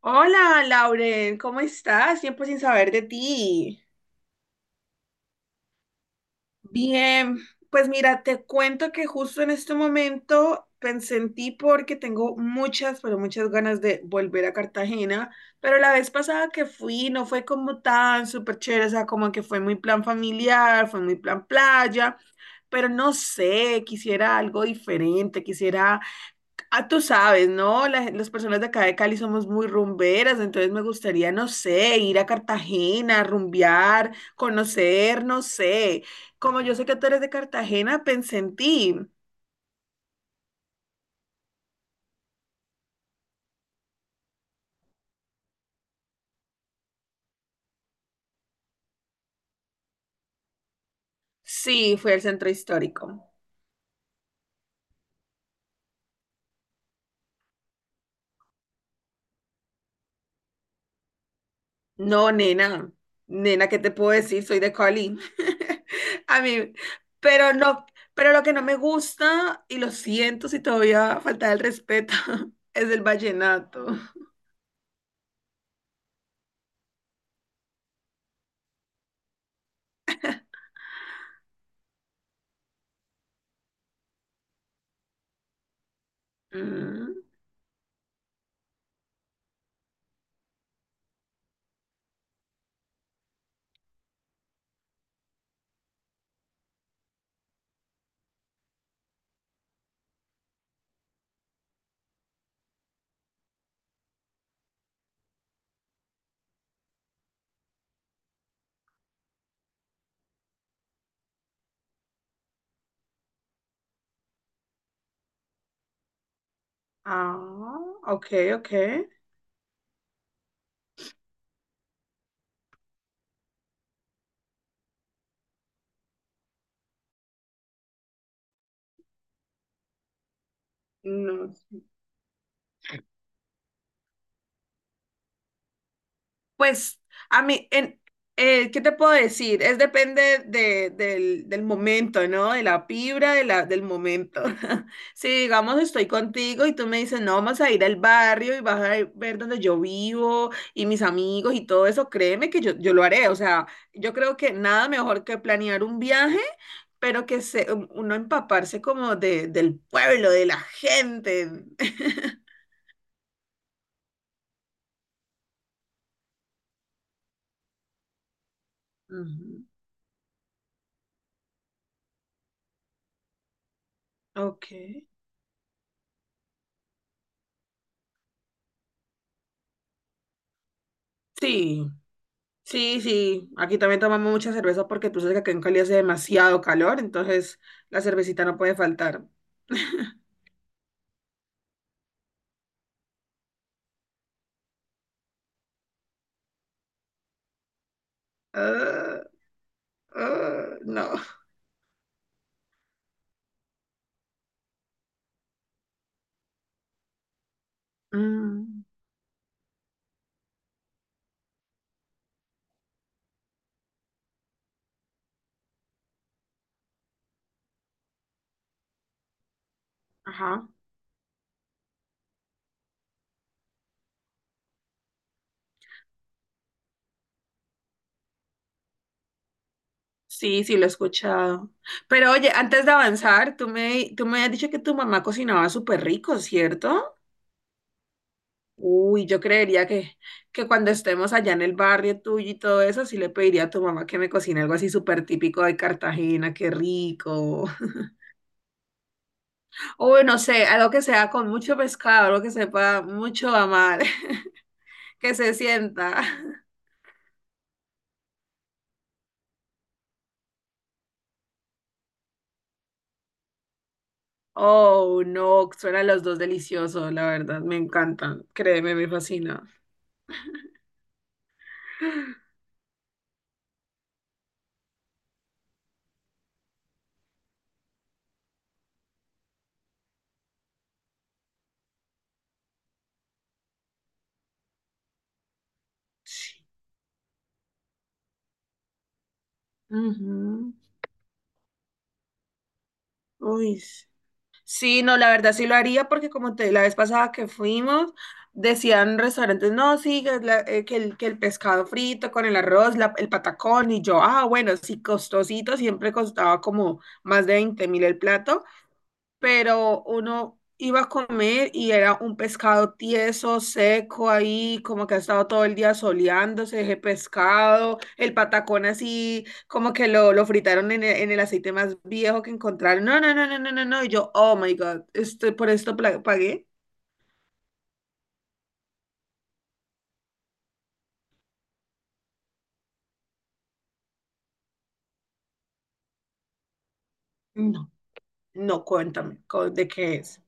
Hola, Lauren, ¿cómo estás? Tiempo sin saber de ti. Bien, pues mira, te cuento que justo en este momento pensé en ti porque tengo muchas, pero muchas ganas de volver a Cartagena, pero la vez pasada que fui no fue como tan súper chévere, o sea, como que fue muy plan familiar, fue muy plan playa, pero no sé, quisiera algo diferente, quisiera. Ah, tú sabes, ¿no? Las personas de acá de Cali somos muy rumberas, entonces me gustaría, no sé, ir a Cartagena, rumbear, conocer, no sé. Como yo sé que tú eres de Cartagena, pensé en ti. Sí, fui al centro histórico. No, nena, nena, ¿qué te puedo decir? Soy de Cali. A mí, pero no, pero lo que no me gusta, y lo siento si todavía falta el respeto, es el vallenato. Mm. Ah, ok, ok. No. Pues a mí, ¿qué te puedo decir? Es depende del momento, ¿no? De la vibra de del momento. Si digamos estoy contigo y tú me dices, no, vamos a ir al barrio y vas a ver donde yo vivo y mis amigos y todo eso, créeme que yo lo haré. O sea, yo creo que nada mejor que planear un viaje. Pero que se, uno empaparse como del pueblo, de la gente. Ujú. Ok. Sí. Sí, sí, aquí también tomamos mucha cerveza porque tú sabes que acá en Cali hace demasiado calor, entonces la cervecita no puede faltar. Ah, ah, no. Mm, ajá. Sí, sí, lo he escuchado. Pero oye, antes de avanzar, tú me has dicho que tu mamá cocinaba súper rico, ¿cierto? Uy, yo creería que cuando estemos allá en el barrio tuyo y todo eso, sí le pediría a tu mamá que me cocine algo así súper típico de Cartagena, qué rico. Uy, no sé, algo que sea con mucho pescado, algo que sepa mucho a mar, que se sienta. Oh, no, suenan los dos deliciosos, la verdad, me encantan, créeme, me fascina. Ujú. Uy. S- Sí, no, la verdad sí lo haría porque como te, la vez pasada que fuimos, decían restaurantes, no, sí, que que el pescado frito con el arroz, el patacón, y yo, ah, bueno, sí, costosito, siempre costaba como más de 20.000 el plato, pero uno iba a comer y era un pescado tieso, seco ahí, como que ha estado todo el día soleándose ese pescado, el patacón así, como que lo fritaron en el aceite más viejo que encontraron. No, no, no, no, no, no, no. Y yo, oh my God, ¿esto, por esto pagué? No, no, cuéntame, co- ¿de qué es?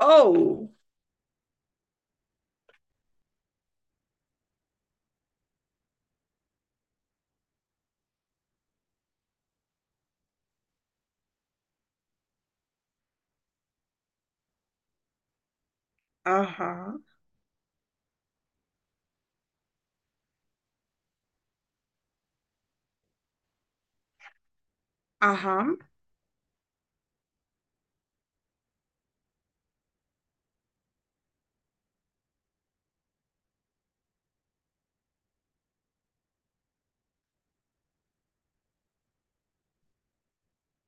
Oh, ajá, ajá,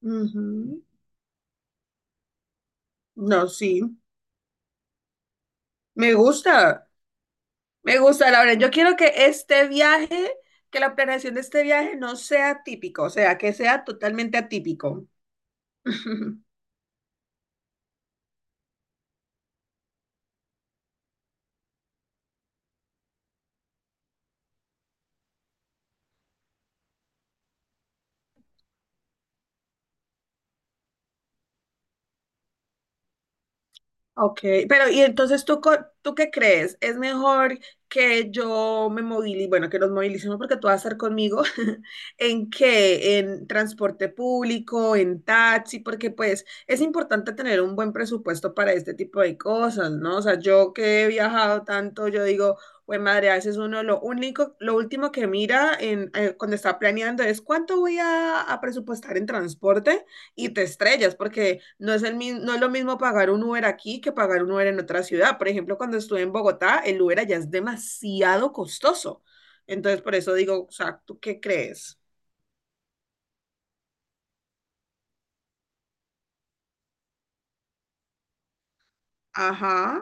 ujú. No, sí, me gusta. Me gusta, Lauren. Yo quiero que este viaje, que la planeación de este viaje no sea típico, o sea, que sea totalmente atípico. Ok, pero y entonces tú, co- ¿tú qué crees? ¿Es mejor que yo me movilice, bueno, que nos movilicemos porque tú vas a estar conmigo, ¿en qué? ¿En transporte público, en taxi? Porque pues es importante tener un buen presupuesto para este tipo de cosas, ¿no? O sea, yo que he viajado tanto, yo digo, güey, madre, a veces uno lo único, lo último que mira cuando está planeando es cuánto a presupuestar en transporte y te estrellas, porque no es lo mismo pagar un Uber aquí que pagar un Uber en otra ciudad. Por ejemplo, cuando estuve en Bogotá, el Uber allá es demasiado costoso. Entonces, por eso digo, o sea, ¿tú qué crees? Ajá.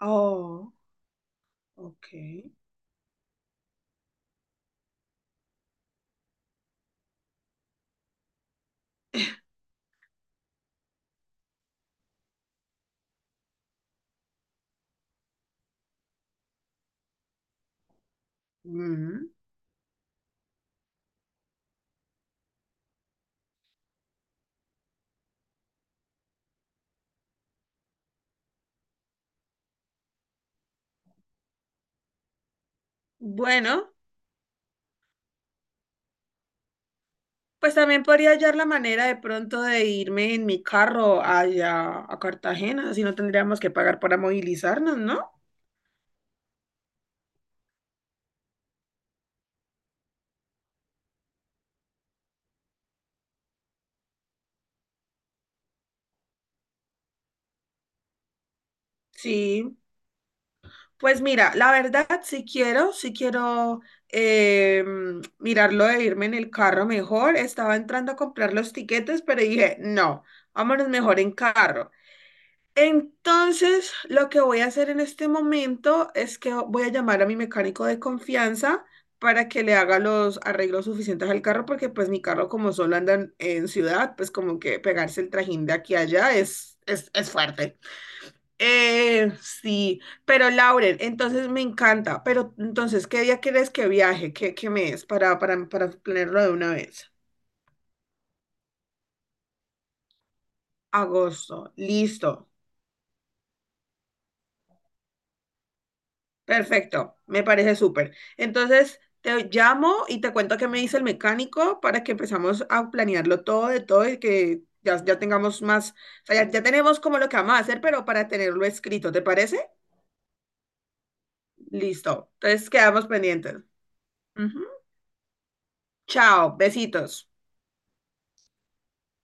Oh, ok. Mm. Bueno, pues también podría hallar la manera de pronto de irme en mi carro allá a Cartagena, así no tendríamos que pagar para movilizarnos, ¿no? Sí, pues mira, la verdad, si quiero eh, mirarlo de irme en el carro mejor. Estaba entrando a comprar los tiquetes, pero dije, no, vámonos mejor en carro. Entonces, lo que voy a hacer en este momento es que voy a llamar a mi mecánico de confianza para que le haga los arreglos suficientes al carro, porque pues mi carro como solo anda en ciudad, pues como que pegarse el trajín de aquí a allá es fuerte. Sí, pero Lauren, entonces me encanta, pero entonces, ¿qué día quieres que viaje? ¿Qué mes? Para planearlo de una vez. Agosto, listo, perfecto, me parece súper. Entonces, te llamo y te cuento qué me dice el mecánico para que empezamos a planearlo todo de todo y que ya tengamos más, o sea, ya tenemos como lo que vamos a hacer, pero para tenerlo escrito, ¿te parece? Listo, entonces quedamos pendientes. Ujú. Chao, besitos.